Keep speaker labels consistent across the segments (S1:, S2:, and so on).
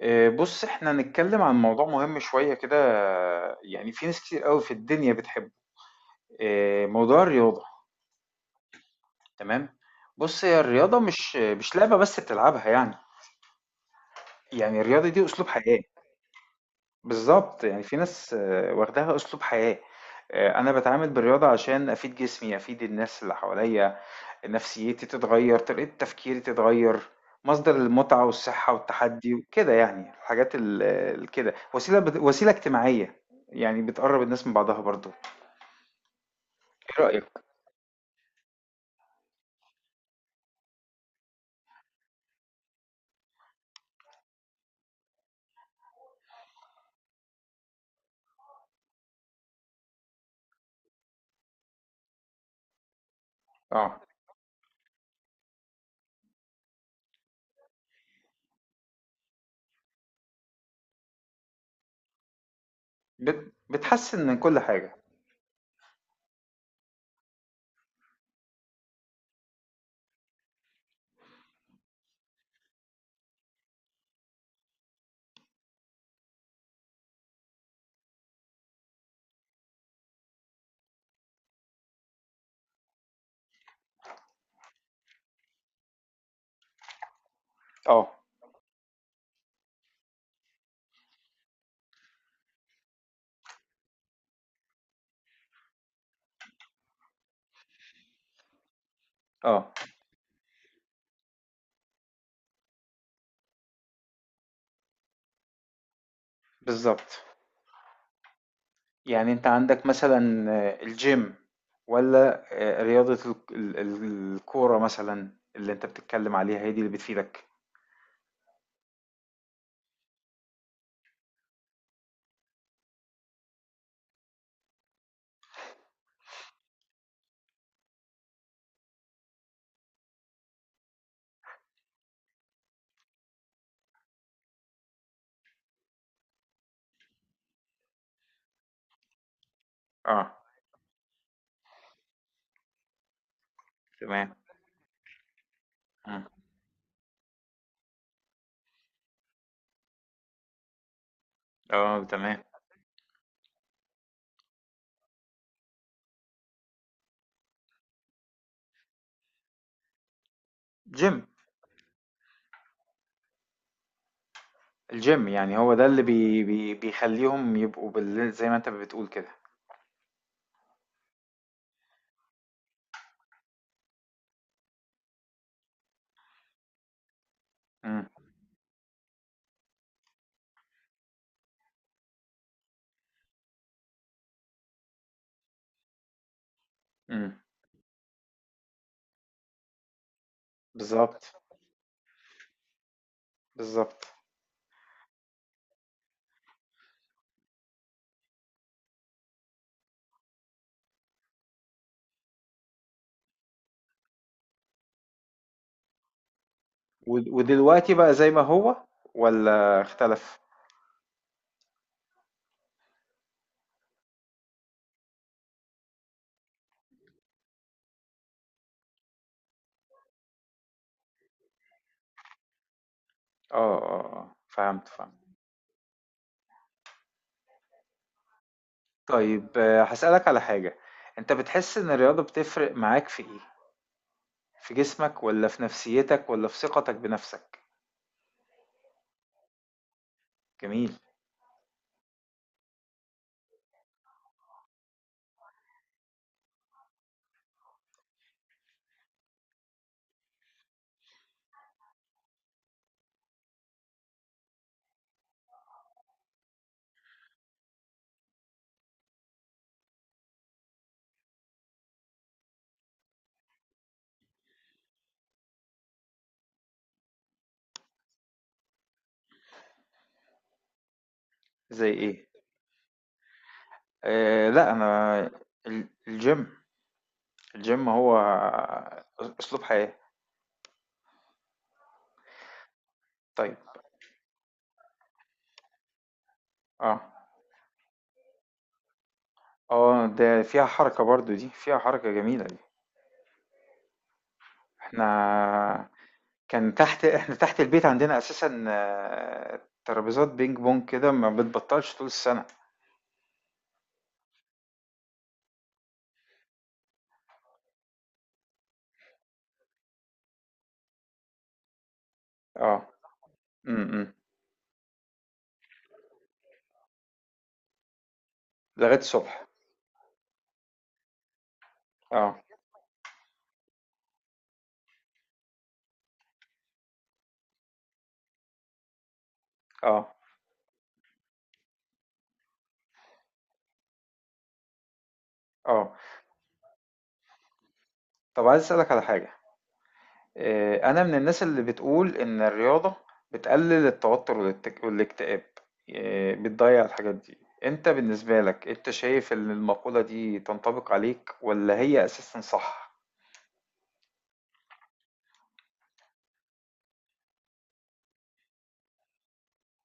S1: بص احنا هنتكلم عن موضوع مهم شوية كده، يعني في ناس كتير قوي في الدنيا بتحبه. موضوع الرياضة. تمام. بص هي الرياضة مش لعبة بس بتلعبها يعني. يعني الرياضة دي أسلوب حياة. بالضبط، يعني في ناس واخداها أسلوب حياة. أنا باتعامل بالرياضة عشان أفيد جسمي، أفيد الناس اللي حواليّا، نفسيتي تتغيّر، طريقة تفكيري تتغيّر، مصدر المتعة والصحة والتحدي وكده يعني، الحاجات ال الكده، وسيلة اجتماعية، يعني بتقرّب الناس من بعضها برضه. إيه رأيك؟ آه، بتحسّن من كل حاجة. آه. آه. بالضبط. يعني انت عندك مثلا الجيم، ولا رياضة الكورة مثلا اللي انت بتتكلم عليها هي دي اللي بتفيدك؟ اه تمام. مم. اه تمام. جيم. الجيم يعني هو ده اللي بي بي بيخليهم يبقوا بال، زي ما انت بتقول كده. مم. مم. بالظبط. بالظبط. ودلوقتي بقى زي ما هو، ولا اختلف؟ اه اه اه، فهمت فهمت. طيب هسألك على حاجة. انت بتحس ان الرياضة بتفرق معاك في ايه، في جسمك والّا في نفسيتك والّا في ثقتك بنفسك؟ جميل. زي إيه؟ لأ، أنا الgym، الgym هو أسلوب حياة. طيب. آه. آه، ده فيها حركة برضه دي، فيها حركة جميلة دي. إحنا كان تحت إحنا تحت البيت عندنا أساسًا ترابيزات بينج بونج كده ما بتبطّلش طول السنة. آه. إمم، إمم. لغاية الصبح. آه. آه. آه. طب عايز أسألك على حاجة. أنا من الناس اللي بتقول إن الرياضة بتقلل التوتر والاكتئاب، بتضيع الحاجات دي. أنت بالنسبة لك أنت شايف إن المقولة دي تنطبق عليك ولا هي أساسا صح؟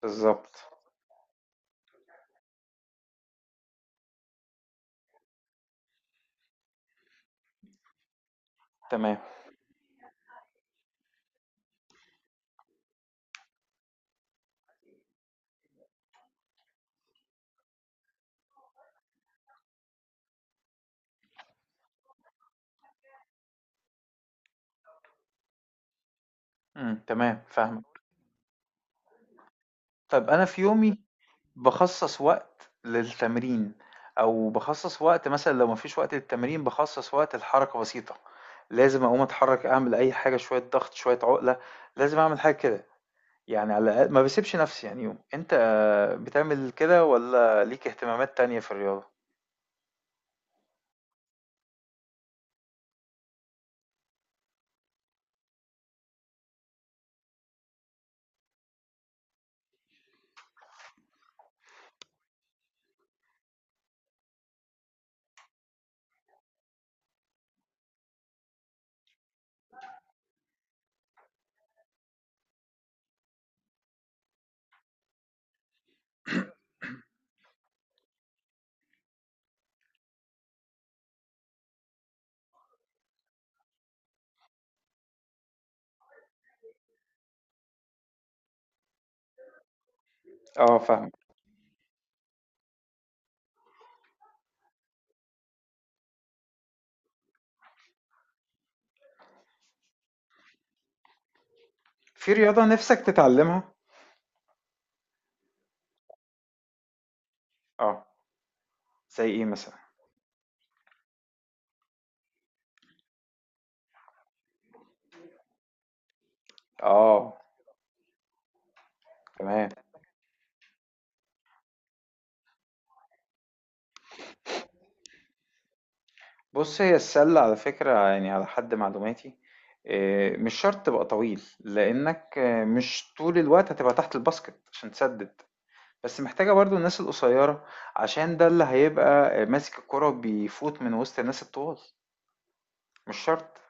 S1: بالظبط. تمام. مم. تمام فاهمك. طب أنا في يومي بخصص وقت للتمرين، أو بخصص وقت مثلا لو مفيش وقت للتمرين بخصص وقت لحركة بسيطة. لازم أقوم أتحرك أعمل أي حاجة، شوية ضغط شوية عقلة. لازم أعمل حاجة كده، يعني على الأقل ما باسيبش نفسي يعني يوم. أنت بتعمل كده والّا ليك اهتمامات تانية في الرياضة؟ آه فاهمك. في رياضة نِفْسك تتعلمها؟ آه. زي إيه مثلًا؟ آه تمام. بُص هي السلة على فكرة، يعني على حد معلوماتي مش شرط تبقى طويل، لإنك مش طول الوقت هتبقى تحت الباسكت عشان تسدد، بس محتاجة برضه الناس القصيرة، عشان ده اللي هيبقى ماسك الكرة وبيفوت من وسط الناس الطوال، مش شرط.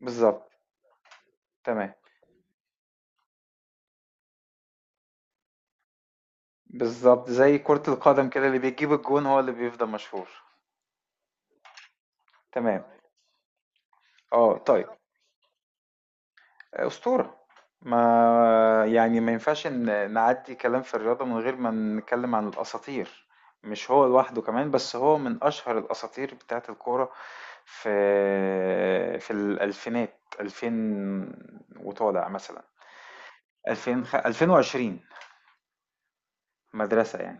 S1: بالضبط. تمام. بالظبط زي كرة القدم كده، اللي بيجيب الجون هو اللي بيفضل مشهور. تمام. اه طيب. أسطورة. ما يعني ما ينفعش إن نعدي كلام في الرياضة من غير ما نتكلم عن الأساطير. مش هو لوحده كمان، بس هو من أشهر الأساطير بتاعة الكورة في الألفينات، 2000 وطالع مثلا، 2020، مدرسة يعني.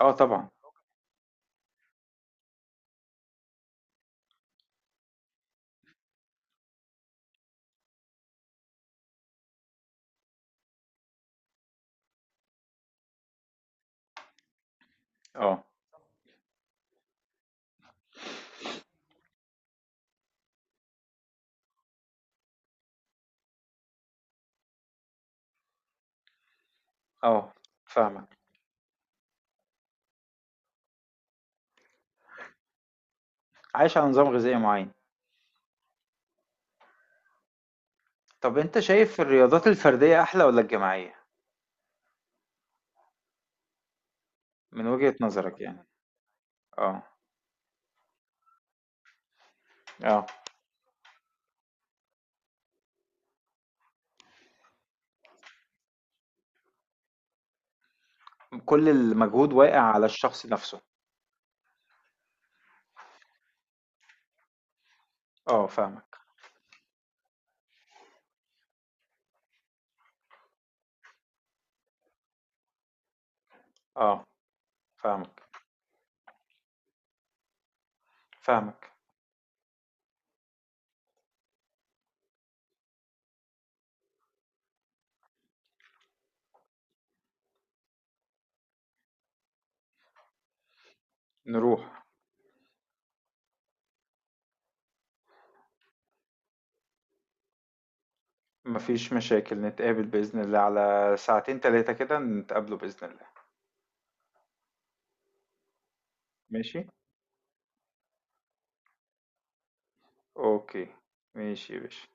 S1: اه طبعا. اه اه فاهمك. عايش على نظام غذائي معين. طب انت شايف الرياضات الفردية احلى ولا الجماعية، من وجهة نظرك يعني؟ اه. اه. كل المجهود واقع على الشخص نفسه. اه فاهمك. اه فاهمك. فاهمك. نروح. مفيش مشاكل، نتقابل بإذن الله على ساعتين تلاتة كده، نتقابلوا بإذن الله. ماشي. اوكي. ماشي يا باشا.